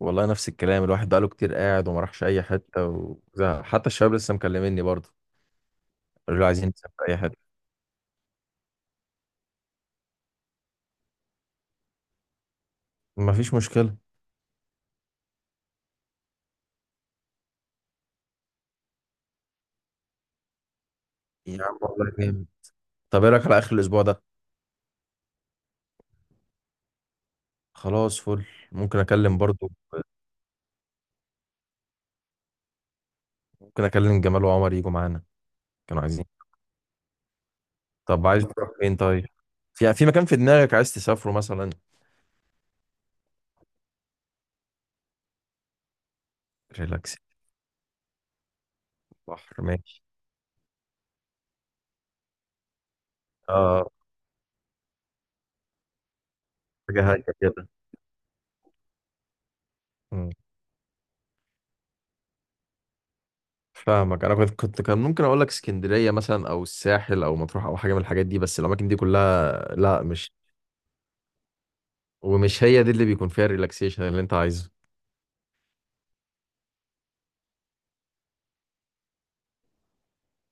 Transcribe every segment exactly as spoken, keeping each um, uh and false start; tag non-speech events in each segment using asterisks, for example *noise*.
والله نفس الكلام، الواحد بقاله كتير قاعد وما راحش اي حته، وزهق. حتى الشباب لسه مكلميني برضه. قالوا لي عايزين نسافر اي حته. ما فيش مشكله. يا عم والله جامد. طب ايه رايك على اخر الاسبوع ده؟ خلاص، فل. ممكن اكلم برضه، ممكن اكلم جمال وعمر يجوا معانا. كانوا عايزين. طب عايز تروح فين طيب؟ في في مكان في دماغك عايز تسافره مثلا؟ ريلاكس. بحر، ماشي. اه. حاجه هاديه كده. مم. فاهمك. انا كنت كنت كان ممكن اقول لك اسكندريه مثلا، او الساحل، او مطروح، او حاجه من الحاجات دي، بس الاماكن دي كلها لا، مش. ومش هي دي اللي بيكون فيها الريلاكسيشن اللي انت عايزه.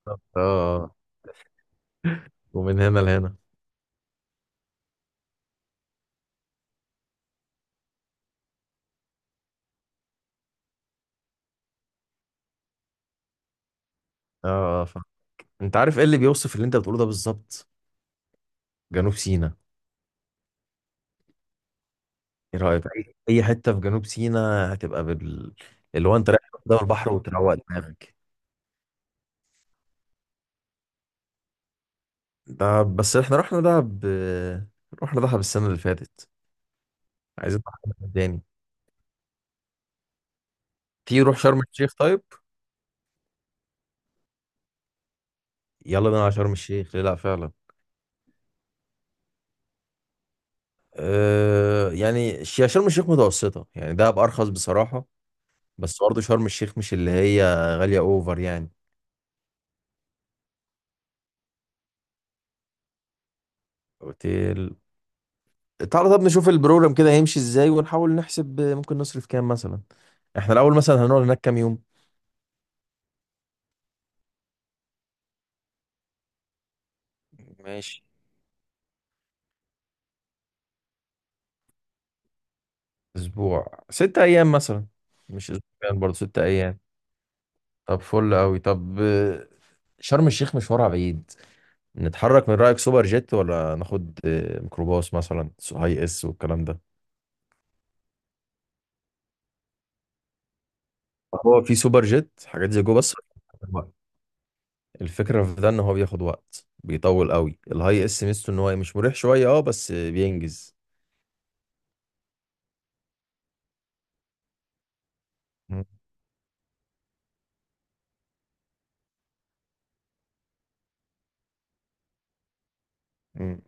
اه، آه. ومن هنا لهنا. اه، اه، فاهم. انت عارف ايه اللي بيوصف اللي انت بتقوله ده بالظبط؟ جنوب سيناء. ايه رايك؟ اي أي حته في جنوب سيناء هتبقى بال... اللي هو انت رايح قدام البحر وتروق دماغك. ده بس احنا رحنا دهب، رحنا دهب السنه اللي فاتت، عايزين نروح دهب تاني. تيجي نروح شرم الشيخ طيب. يلا بينا على شرم الشيخ، ليه لا فعلا. أه يعني ش- شرم الشيخ متوسطه يعني، دهب ارخص بصراحه. بس برضه شرم الشيخ مش اللي هي غالية اوفر يعني. اوتيل. تعالى طب نشوف البروجرام كده هيمشي ازاي ونحاول نحسب ممكن نصرف كام مثلا. احنا الاول مثلا هنقعد هناك كام يوم؟ ماشي. اسبوع، ست ايام مثلا. مش اسبوعين، برضه ست ايام. طب فل قوي. طب آه، شرم الشيخ مشوارها بعيد. نتحرك من رأيك سوبر جيت، ولا ناخد آه، ميكروباص مثلا هاي اس والكلام ده؟ هو في سوبر جيت حاجات زي جو بس. الفكرة في ده ان هو بياخد وقت بيطول قوي. الهاي اس ميزته ان هو مش مريح شوية اه، بس بينجز. مم. مم.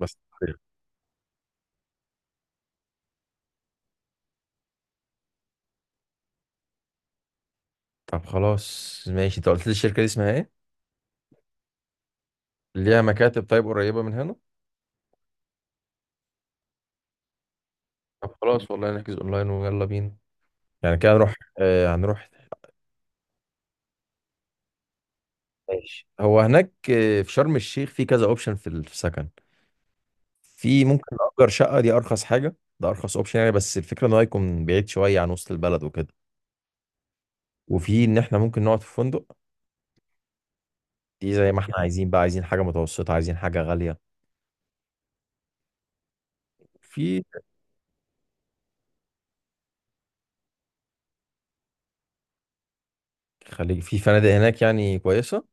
بس. طب خلاص ماشي، انت قلت لي الشركة دي اسمها ايه؟ ليها مكاتب طيب قريبة من هنا؟ طب خلاص والله نحجز اونلاين ويلا بينا. يعني كده هنروح، آه، هنروح. ماشي. هو هناك آه، في شرم الشيخ في كذا اوبشن في السكن. في ممكن نأجر شقة، دي ارخص حاجة، ده ارخص اوبشن يعني، بس الفكرة ان هو يكون بعيد شوية عن وسط البلد وكده. وفي ان احنا ممكن نقعد في فندق. دي زي ما احنا عايزين بقى، عايزين حاجة متوسطة، عايزين حاجة غالية. في. خليج. في فنادق هناك يعني كويسة.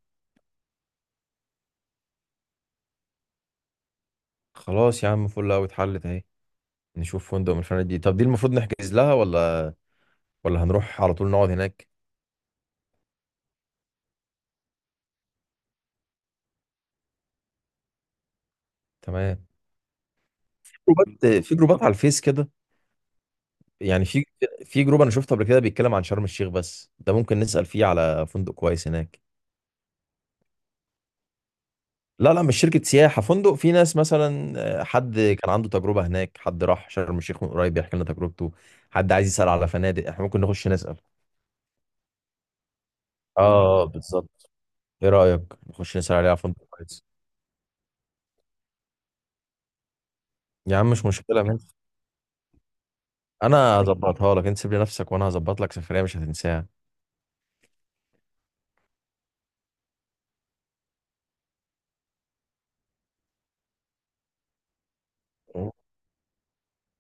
خلاص يا عم، فل قوي، اتحلت اهي. نشوف فندق من الفنادق دي. طب دي المفروض نحجز لها، ولا ولا هنروح على طول نقعد هناك؟ تمام. في جروبات في جروبات على الفيس كده. يعني في في جروب انا شفته قبل كده بيتكلم عن شرم الشيخ، بس ده ممكن نسأل فيه على فندق كويس هناك. لا لا، مش شركة سياحة، فندق. في ناس مثلا آه، حد كان عنده تجربة هناك، حد راح شرم الشيخ من قريب بيحكي لنا تجربته، حد عايز يسأل على فنادق، احنا ممكن نخش نسأل. اه بالظبط. ايه رأيك؟ نخش نسأل عليها فندق كويس. يا عم مش مشكلة، ماشي. انا هظبطها لك، انت سيب لي نفسك وانا هظبط لك سفرية مش هتنساها.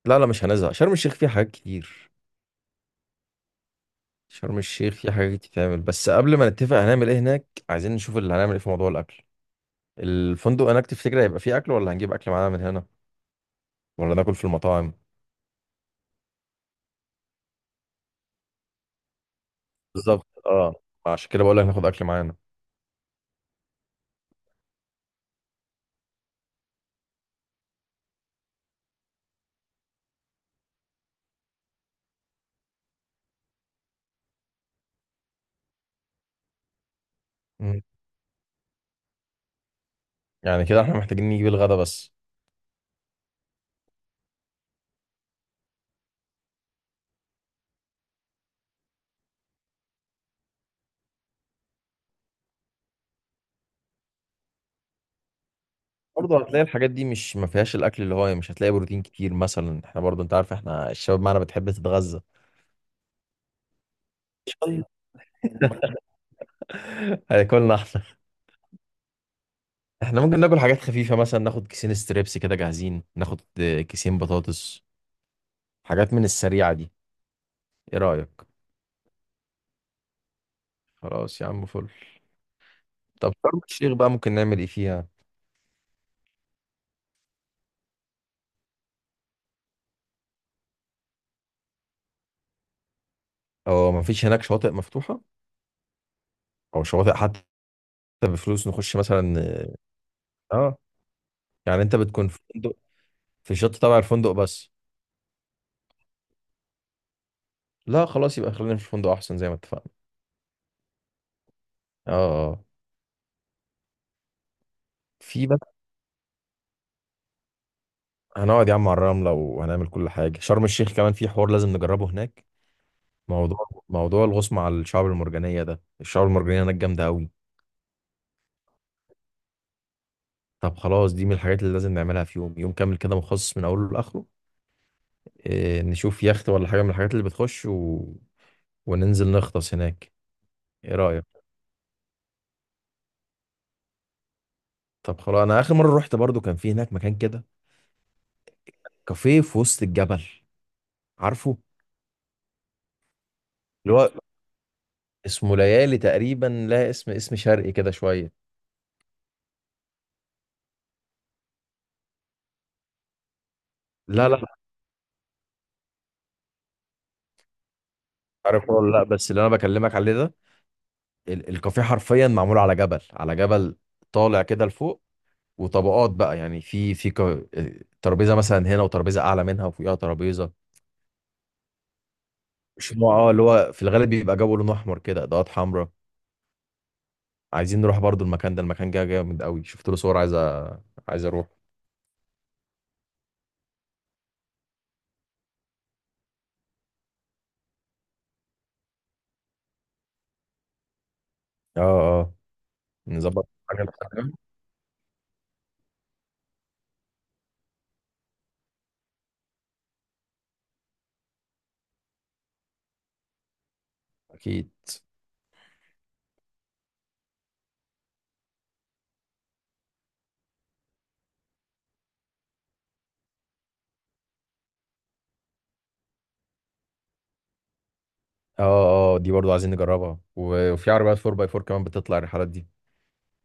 لا لا، مش هنزهق. شرم الشيخ فيها حاجات كتير، شرم الشيخ فيها حاجات تتعمل، بس قبل ما نتفق هنعمل ايه هناك، عايزين نشوف اللي هنعمل ايه في موضوع الاكل. الفندق هناك تفتكر هيبقى فيه اكل، ولا هنجيب اكل معانا من هنا، ولا ناكل في المطاعم؟ بالظبط اه. عشان كده بقول لك ناخد اكل معانا. مم. يعني كده احنا محتاجين نجيب الغدا بس. برضه هتلاقي الحاجات دي مش ما فيهاش الاكل اللي هو، مش هتلاقي بروتين كتير مثلا، احنا برضه انت عارف احنا الشباب معانا بتحب تتغذى. *laughs* شوية. هياكلنا احنا. احنا ممكن ناكل حاجات خفيفة مثلا، ناخد كيسين ستريبس كده جاهزين، ناخد آه، كيسين بطاطس، حاجات من السريعة دي. ايه رأيك؟ خلاص يا عم فل. طب شرم الشيخ بقى ممكن نعمل ايه فيها؟ او ما فيش هناك شواطئ مفتوحة؟ او شواطئ حتى بفلوس نخش مثلا؟ اه. يعني انت بتكون في فندق، في الشط تبع الفندق بس. لا خلاص، يبقى خلينا في الفندق احسن زي ما اتفقنا. اه اه. في بقى، هنقعد يا عم على الرملة وهنعمل كل حاجة. شرم الشيخ كمان في حوار لازم نجربه هناك. موضوع موضوع الغوص مع الشعاب المرجانية ده، الشعاب المرجانية هناك جامدة أوي. طب خلاص، دي من الحاجات اللي لازم نعملها، في يوم يوم كامل كده مخصص من أوله لآخره. إيه، نشوف يخت ولا حاجة من الحاجات اللي بتخش و... وننزل نغطس هناك. إيه رأيك؟ طب خلاص، أنا آخر مرة رحت برضو كان في هناك مكان كده، كافيه في وسط الجبل، عارفه؟ اللي هو اسمه ليالي تقريبا، لا اسم اسم شرقي كده شوية. لا لا، عارفه ولا لا، بس اللي أنا بكلمك عليه ده، ال- الكافيه حرفيا معمول على جبل، على جبل طالع كده لفوق، وطبقات بقى، يعني في في كا- ترابيزه مثلا هنا وترابيزه اعلى منها وفوقها ترابيزه. مش نوع اه اللي هو في الغالب بيبقى جو لون احمر كده، اضاءات حمراء. عايزين نروح برضو المكان ده، المكان جه جامد قوي، شفت له صور، عايز أ- عايز اروح. اه اه. نظبط حاجه لحاجة. اكيد. اه اه، دي برضو عايزين نجربها و- وفي عربيات فور باي فور كمان بتطلع الرحلات دي،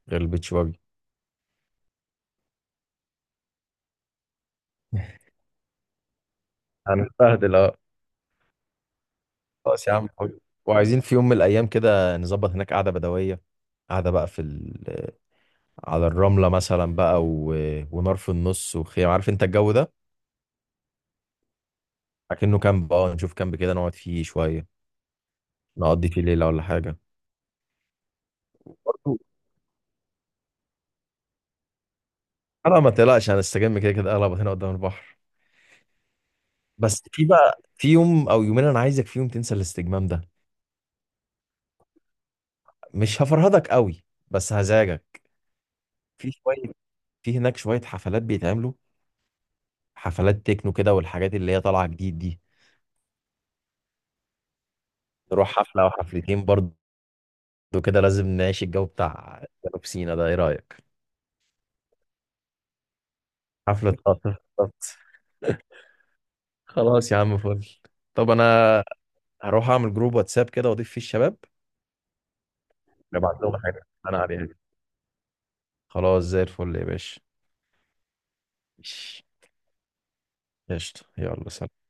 غير البيتش باجي. *laughs* هنستهدل اه. خلاص يا عم حلو. وعايزين في يوم من الايام كده نظبط هناك قعده بدويه، قعده بقى في ال... آه، على الرمله مثلا بقى و... ونار في النص وخيام، عارف انت الجو ده. اكنه كامب، اه نشوف كامب كده نقعد فيه شويه، نقضي فيه ليله ولا حاجه. برضو انا ما تقلقش، هنستجم كده كده اغلب هنا قدام البحر. بس في بقى، في يوم او يومين انا عايزك فيهم تنسى الاستجمام ده. مش هفرهدك قوي، بس هزعجك. في شويه، في هناك شويه حفلات بيتعملوا، حفلات تكنو كده والحاجات اللي هي طالعه جديد دي. نروح حفلة أو حفلتين برضه، لو كده لازم نعيش الجو بتاع جنوب سينا ده. ايه رأيك؟ حفلة *laughs* خطف بالظبط. خلاص يا عم فل. طب انا هروح اعمل جروب واتساب كده واضيف فيه الشباب، نبعت لهم حاجة انا عليها. خلاص زي الفل يا باشا. ماشي. قشطة، يلا سلام.